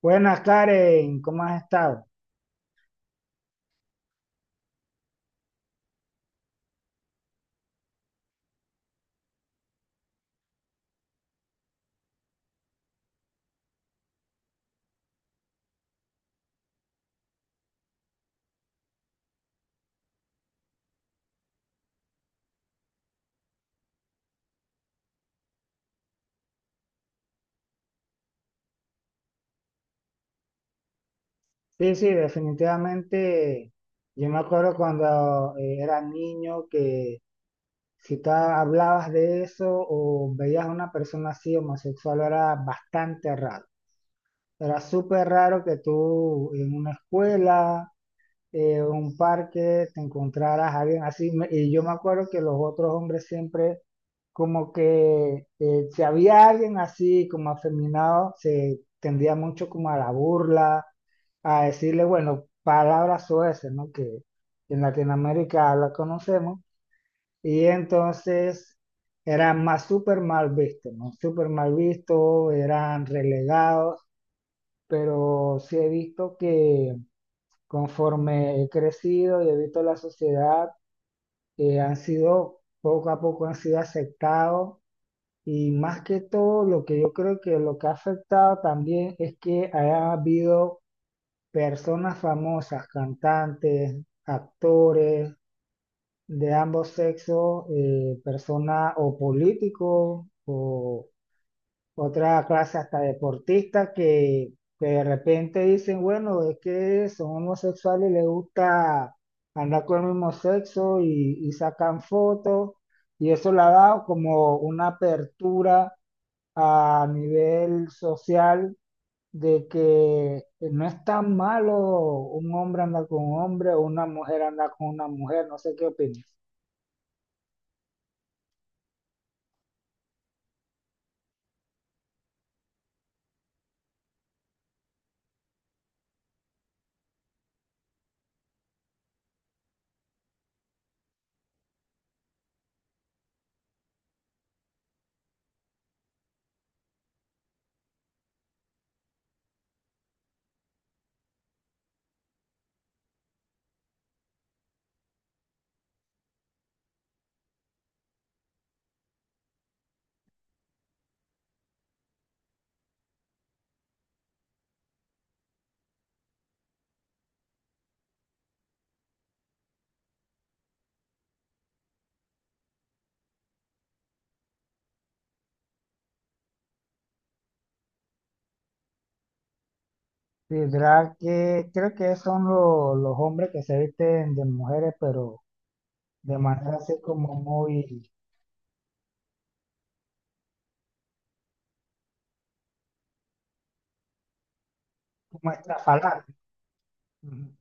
Buenas, Karen, ¿cómo has estado? Sí, sí, definitivamente. Yo me acuerdo cuando era niño que si tú hablabas de eso o veías a una persona así homosexual era bastante raro. Era súper raro que tú en una escuela, un parque, te encontraras a alguien así. Y yo me acuerdo que los otros hombres siempre, como que si había alguien así, como afeminado, se tendía mucho como a la burla, a decirle, bueno, palabras soeces, ¿no? Que en Latinoamérica la conocemos. Y entonces eran más súper mal vistos, ¿no? Súper mal vistos, eran relegados, pero sí he visto que, conforme he crecido y he visto la sociedad, han sido, poco a poco han sido aceptados, y más que todo lo que yo creo que lo que ha afectado también es que haya habido personas famosas, cantantes, actores de ambos sexos, personas o políticos o otra clase hasta deportistas que de repente dicen, bueno, es que son homosexuales y les gusta andar con el mismo sexo y sacan fotos, y eso le ha dado como una apertura a nivel social de que no es tan malo un hombre andar con un hombre o una mujer andar con una mujer. No sé qué opinas. Sí, ¿verdad? Que creo que son los hombres que se visten de mujeres, pero de manera así como muy, como estrafalar. Ujú.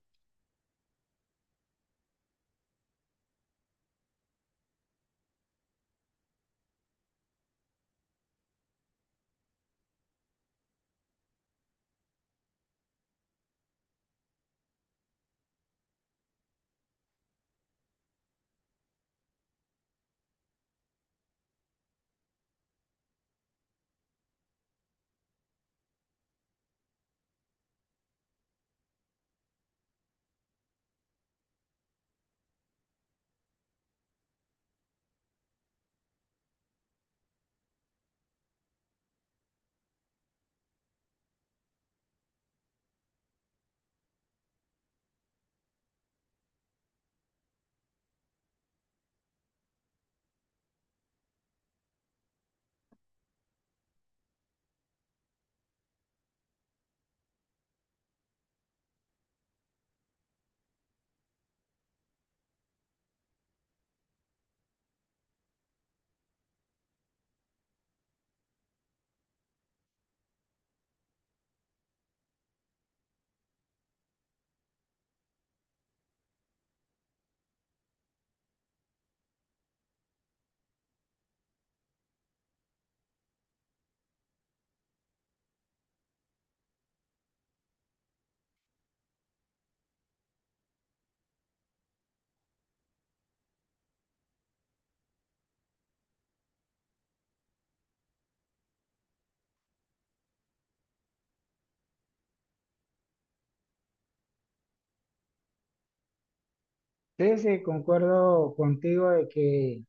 Sí, sí, concuerdo contigo de que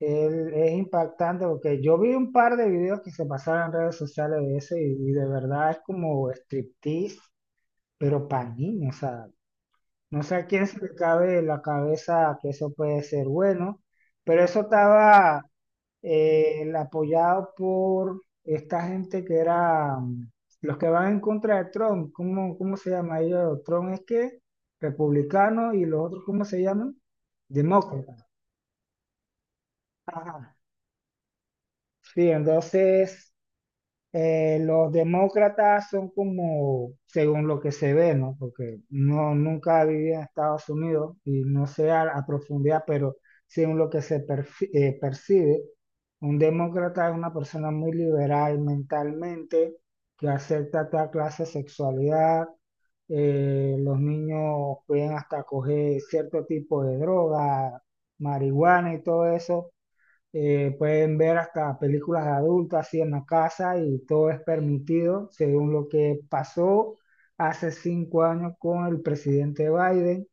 él es impactante porque yo vi un par de videos que se pasaron en redes sociales de eso y de verdad es como striptease, pero para niños, o sea, no sé a quién se le cabe en la cabeza que eso puede ser bueno, pero eso estaba el apoyado por esta gente que era, los que van en contra de Trump. ¿Cómo, cómo se llama ellos? Trump es que republicano, y los otros, ¿cómo se llaman? Demócratas. Ajá. Sí, entonces, los demócratas son como, según lo que se ve, ¿no? Porque no, nunca viví en Estados Unidos y no sé a profundidad, pero según lo que se percibe, un demócrata es una persona muy liberal mentalmente, que acepta toda clase de sexualidad. Los niños pueden hasta coger cierto tipo de droga, marihuana y todo eso. Pueden ver hasta películas adultas así en la casa y todo es permitido, según lo que pasó hace 5 años con el presidente Biden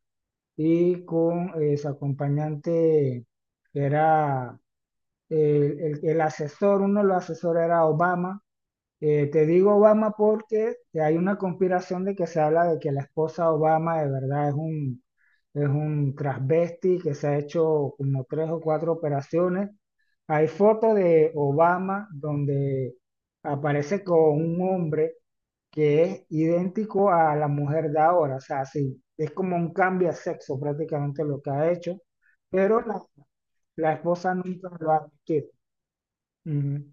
y con su acompañante. Era el asesor, uno de los asesores era Obama. Te digo Obama porque hay una conspiración de que se habla de que la esposa Obama de verdad es es un transvesti que se ha hecho como tres o cuatro operaciones. Hay fotos de Obama donde aparece con un hombre que es idéntico a la mujer de ahora. O sea, sí, es como un cambio de sexo prácticamente lo que ha hecho, pero la esposa nunca lo ha admitido. Ujú.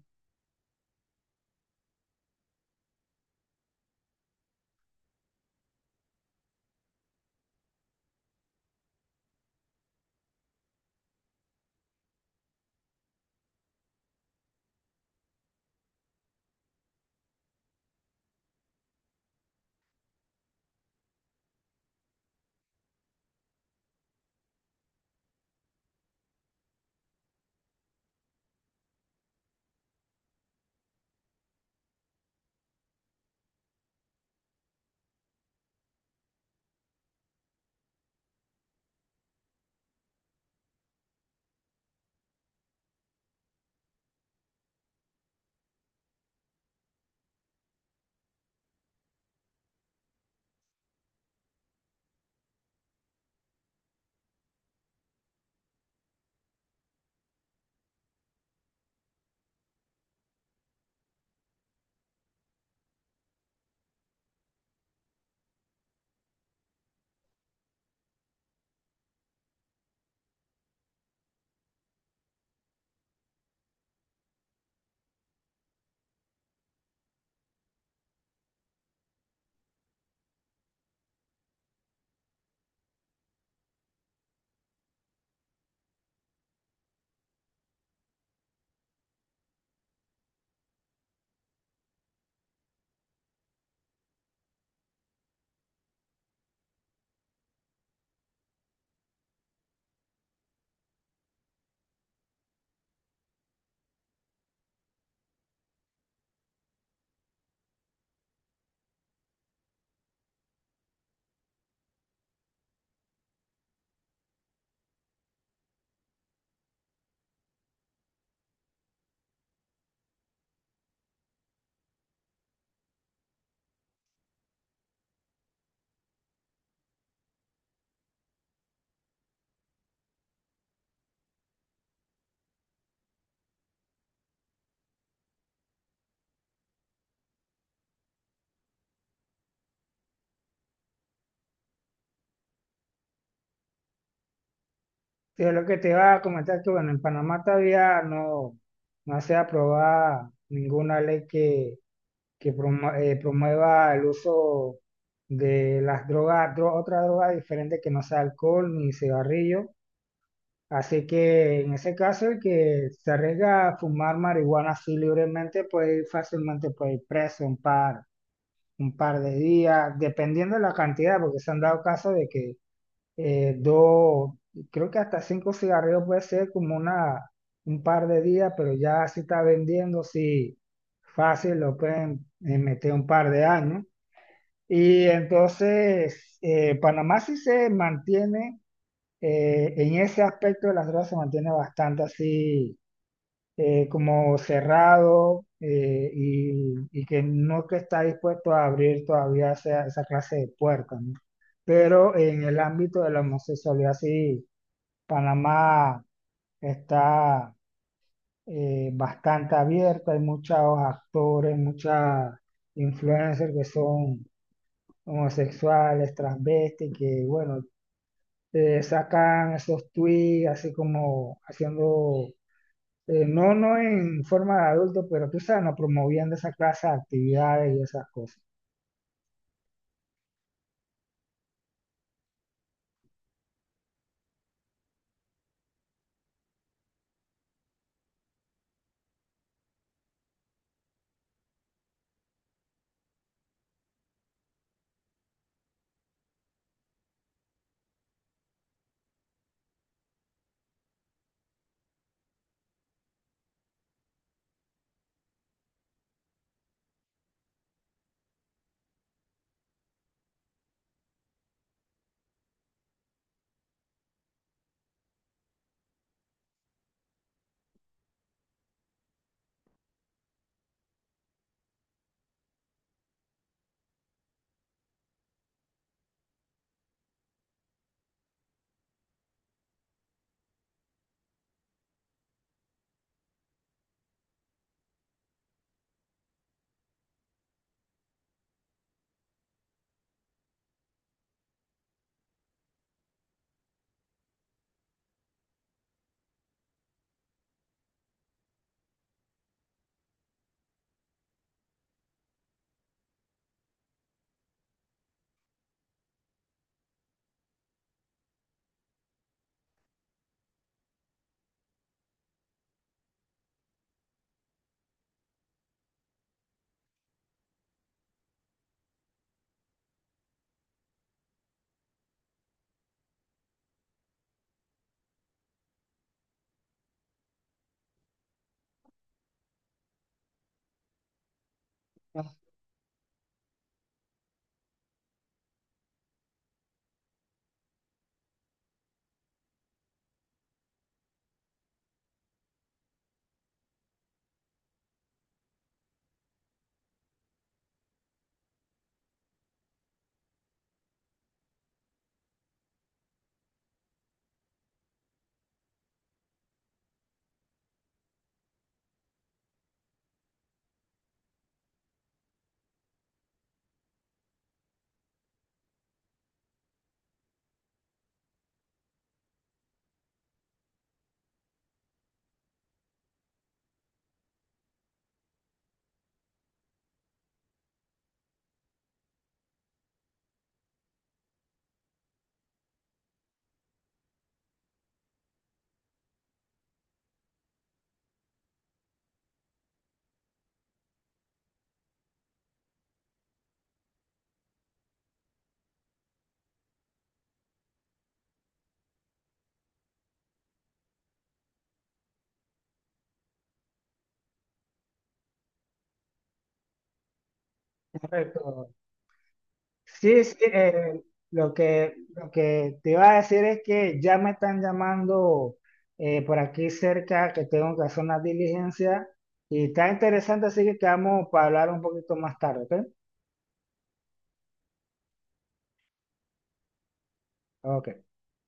Sí, es lo que te iba a comentar que, bueno, en Panamá todavía no, no se ha aprobado ninguna ley que, que promueva el uso de las drogas, otra droga diferente que no sea alcohol ni cigarrillo. Así que en ese caso, el que se arriesga a fumar marihuana así libremente puede ir fácilmente, puede ir preso un par de días, dependiendo de la cantidad, porque se han dado casos de que dos, creo que hasta cinco cigarrillos puede ser como un par de días, pero ya si está vendiendo, sí, fácil, lo pueden meter un par de años. Y entonces, Panamá sí se mantiene, en ese aspecto de las drogas se mantiene bastante así, como cerrado. Y que no, que está dispuesto a abrir todavía esa clase de puertas, ¿no? Pero en el ámbito de la homosexualidad, sí, Panamá está bastante abierta. Hay muchos actores, muchas influencers que son homosexuales, transvestis, que bueno, sacan esos tweets así como haciendo, no, no en forma de adulto, pero tú sabes, no promoviendo esa clase de actividades y esas cosas. Correcto. Sí, sí, lo que te iba a decir es que ya me están llamando por aquí cerca, que tengo que hacer una diligencia y está interesante, así que quedamos para hablar un poquito más tarde, ¿ok? Ok.